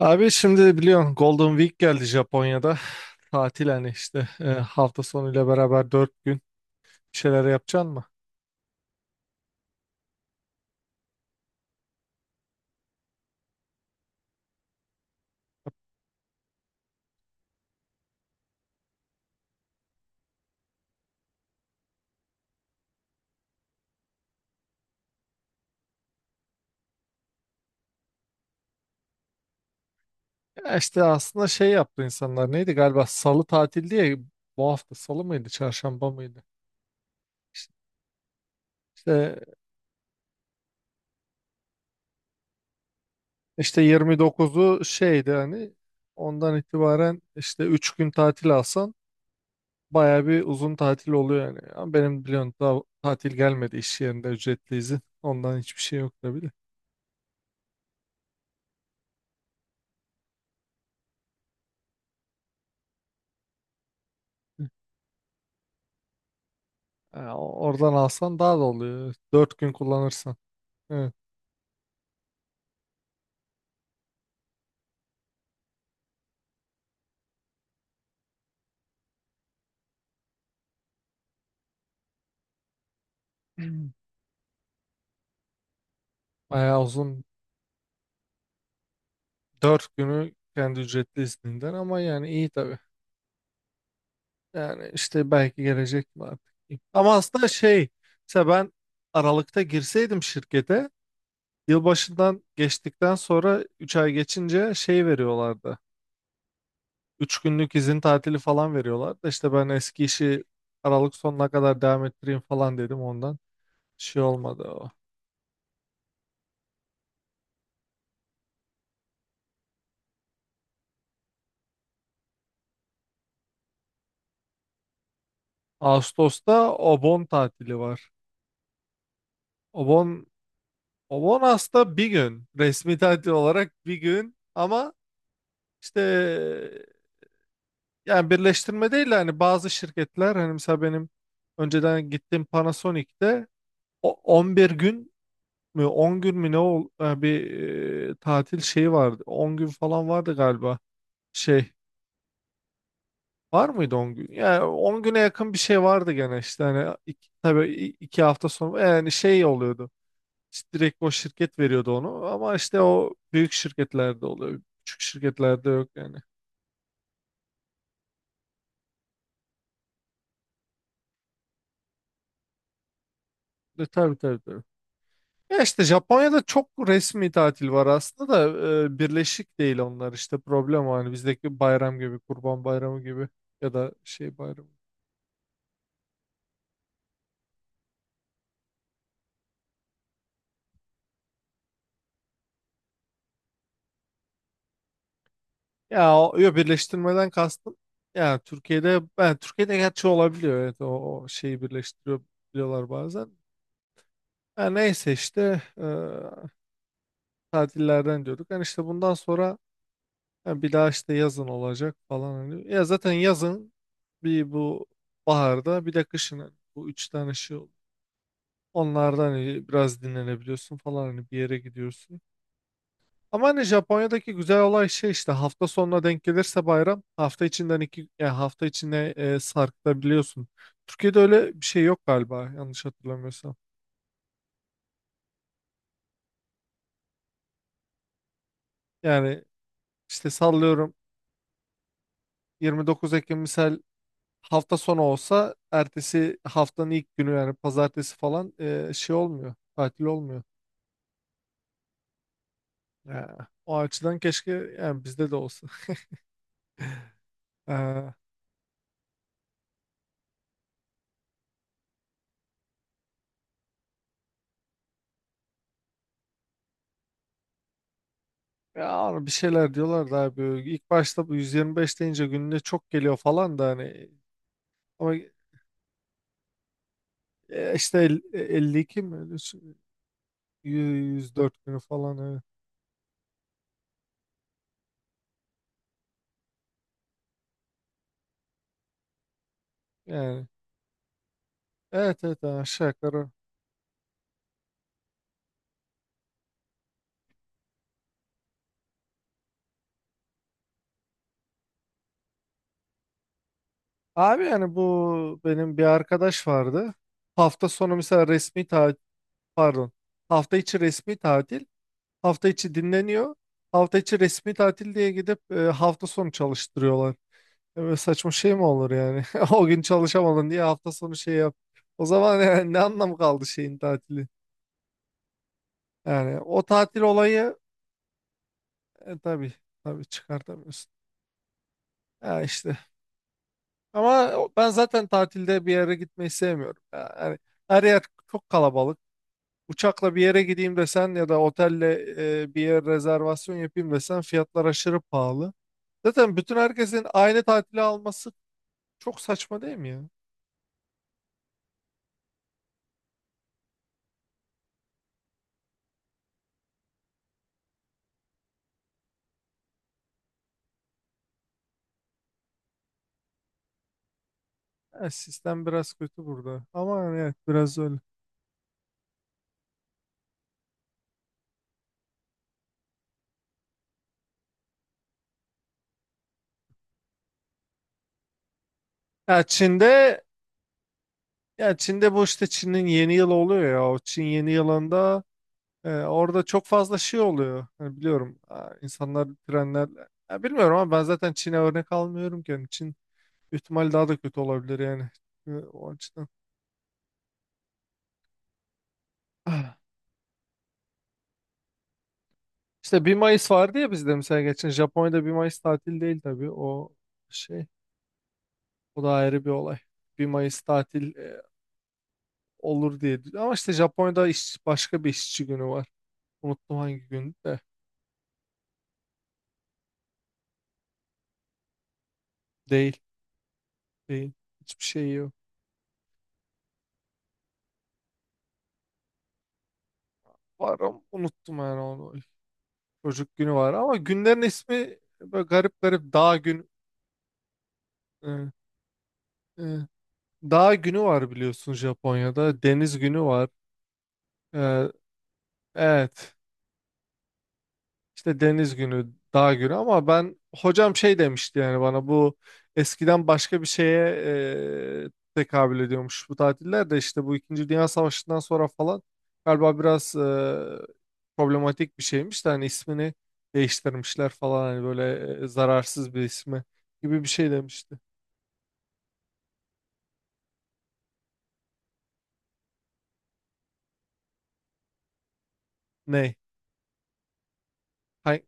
Abi şimdi biliyorsun Golden Week geldi Japonya'da. Tatil hani işte hafta sonuyla beraber 4 gün bir şeyler yapacaksın mı? Ya işte aslında şey yaptı insanlar neydi galiba salı tatil diye bu hafta salı mıydı çarşamba mıydı? İşte, işte, 29'u şeydi hani ondan itibaren işte 3 gün tatil alsan baya bir uzun tatil oluyor yani. Ama benim biliyorsun daha tatil gelmedi iş yerinde ücretli izin ondan hiçbir şey yok tabii de. Oradan alsan daha da oluyor. 4 gün kullanırsan. Evet. Hmm. Bayağı uzun. 4 günü kendi ücretli izninden ama yani iyi tabii. Yani işte belki gelecek mi artık. Ama aslında şey, mesela ben Aralık'ta girseydim şirkete, yılbaşından geçtikten sonra 3 ay geçince şey veriyorlardı. 3 günlük izin tatili falan veriyorlardı. İşte ben eski işi Aralık sonuna kadar devam ettireyim falan dedim ondan. Şey olmadı o. Ağustos'ta o bon tatili var. Obon, Obon aslında bir gün resmi tatil olarak bir gün ama işte yani birleştirme değil de hani bazı şirketler hani mesela benim önceden gittiğim Panasonic'te 11 gün mü 10 gün mü bir tatil şeyi vardı 10 gün falan vardı galiba şey var mıydı 10 gün yani 10 güne yakın bir şey vardı gene işte hani iki, tabii 2 hafta sonra yani şey oluyordu. İşte direkt o şirket veriyordu onu ama işte o büyük şirketlerde oluyor. Küçük şirketlerde yok yani. Tabii tabii tabii. Ya işte Japonya'da çok resmi tatil var aslında da birleşik değil onlar işte problem o hani bizdeki bayram gibi Kurban Bayramı gibi ya da şey bayramı. Ya o yo, birleştirmeden kastım. Ya Türkiye'de ben Türkiye'de gerçi olabiliyor evet o şeyi birleştiriyor biliyorlar bazen. Ya neyse işte tatillerden diyorduk. Yani işte bundan sonra ha, bir daha işte yazın olacak falan, hani. Ya zaten yazın bir bu baharda bir de kışın hani bu 3 tane şey oldu. Onlardan hani biraz dinlenebiliyorsun falan hani bir yere gidiyorsun. Ama hani Japonya'daki güzel olay şey işte hafta sonuna denk gelirse bayram hafta içinden iki yani hafta içine sarkıtabiliyorsun. Türkiye'de öyle bir şey yok galiba yanlış hatırlamıyorsam. Yani işte sallıyorum 29 Ekim misal hafta sonu olsa ertesi haftanın ilk günü yani pazartesi falan şey olmuyor. Tatil olmuyor. Ya, o açıdan keşke yani bizde de olsa. Ee, Ya abi bir şeyler diyorlar da abi ilk başta bu 125 deyince gününe çok geliyor falan da hani ama işte 52 mi? Öyle şey, 104 günü falan evet. Yani evet evet yani aşağı yukarı. Abi yani bu benim bir arkadaş vardı. Hafta sonu mesela resmi tatil. Pardon. Hafta içi resmi tatil. Hafta içi dinleniyor. Hafta içi resmi tatil diye gidip hafta sonu çalıştırıyorlar. Böyle saçma şey mi olur yani? O gün çalışamadın diye hafta sonu şey yap. O zaman yani ne anlamı kaldı şeyin tatili? Yani o tatil olayı tabii tabii çıkartamıyorsun. Ya işte. Ama ben zaten tatilde bir yere gitmeyi sevmiyorum. Ya yani her yer çok kalabalık. Uçakla bir yere gideyim desen ya da otelle bir yer rezervasyon yapayım desen fiyatlar aşırı pahalı. Zaten bütün herkesin aynı tatili alması çok saçma değil mi ya? Evet, sistem biraz kötü burada. Ama yani evet biraz öyle. Ya Çin'de ya Çin'de bu işte Çin'in yeni yılı oluyor ya. O Çin yeni yılında orada çok fazla şey oluyor. Hani biliyorum insanlar trenler ya bilmiyorum ama ben zaten Çin'e örnek almıyorum ki. Yani Çin ihtimal daha da kötü olabilir yani. O açıdan. İşte 1 Mayıs vardı ya bizde mesela, geçen Japonya'da 1 Mayıs tatil değil tabii, o şey, o da ayrı bir olay. 1 Mayıs tatil olur diye ama işte Japonya'da başka bir işçi günü var. Unuttum hangi gün de değil, değil, hiçbir şey yok. Var ama unuttum yani onu. Çocuk günü var ama günlerin ismi böyle garip garip dağ gün. e, e, Dağ günü var biliyorsun Japonya'da, deniz günü var. E, evet. İşte deniz günü, dağ günü ama ben hocam şey demişti yani bana, bu eskiden başka bir şeye tekabül ediyormuş bu tatiller de, işte bu İkinci Dünya Savaşı'ndan sonra falan galiba biraz problematik bir şeymiş de hani ismini değiştirmişler falan hani böyle zararsız bir ismi gibi bir şey demişti. Ney? Hay,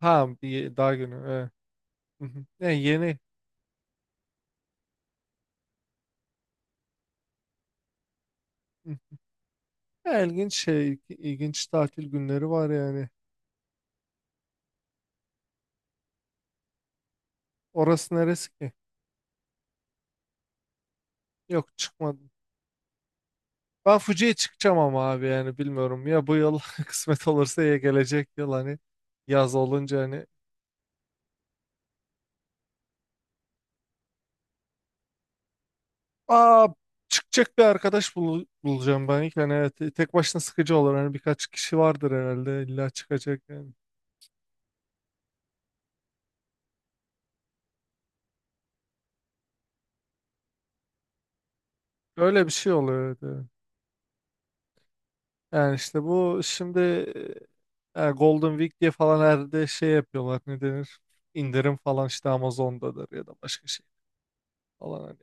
ha, bir dağ günü. Evet. Hı hı. Yani yeni. Hı. Ya ilginç şey, ilginç tatil günleri var yani. Orası neresi ki? Yok, çıkmadı. Ben Fuji'ye çıkacağım ama abi yani bilmiyorum ya, bu yıl kısmet olursa ya gelecek yıl hani yaz olunca hani aa çıkacak bir arkadaş bulacağım ben ilk hani, evet, tek başına sıkıcı olur, hani birkaç kişi vardır herhalde illa çıkacak yani. Öyle bir şey oluyor, evet. Evet. Yani işte bu şimdi Golden Week diye falan herhalde şey yapıyorlar, ne denir, indirim falan, işte Amazon'dadır ya da başka şey falan hani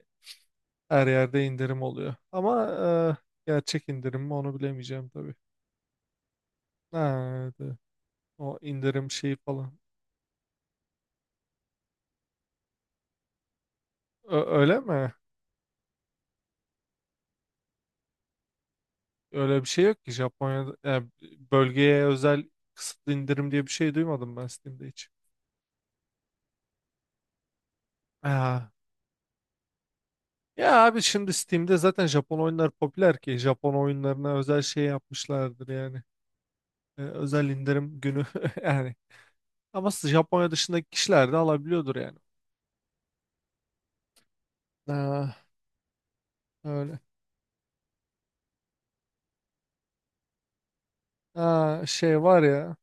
her yerde indirim oluyor ama gerçek indirim mi onu bilemeyeceğim tabii. Nerede? O indirim şeyi falan. Öyle mi? Öyle bir şey yok ki Japonya'da. Yani bölgeye özel kısıtlı indirim diye bir şey duymadım ben Steam'de hiç. Aa. Ya abi şimdi Steam'de zaten Japon oyunlar popüler ki. Japon oyunlarına özel şey yapmışlardır yani. Özel indirim günü yani. Ama Japonya dışındaki kişiler de alabiliyordur yani. Aa, öyle. Aa, şey var ya.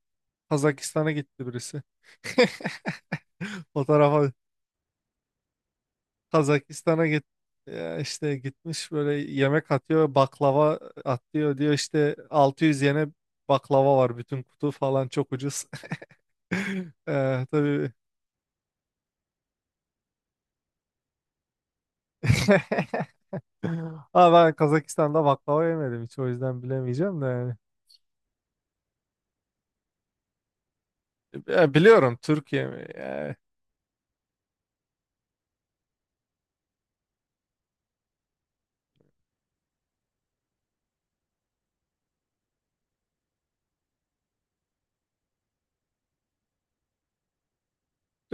Kazakistan'a gitti birisi. Fotoğrafa Kazakistan'a git, ya işte gitmiş böyle, yemek atıyor, baklava atıyor diyor, işte 600 yene baklava var bütün kutu falan, çok ucuz. Tabii. Ama ben Kazakistan'da baklava yemedim hiç, o yüzden bilemeyeceğim de yani. Ya biliyorum, Türkiye mi? Ya.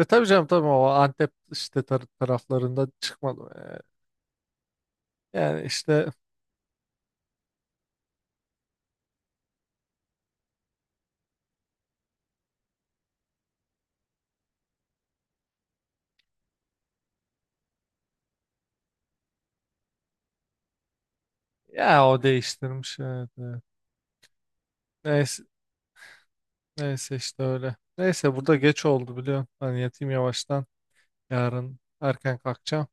Tabii canım tabii, o Antep işte taraflarında çıkmadım. Yani. Yani işte, ya o değiştirmiş, evet, evet. Neyse. Neyse işte öyle. Neyse burada geç oldu biliyorsun. Ben yatayım yavaştan. Yarın erken kalkacağım.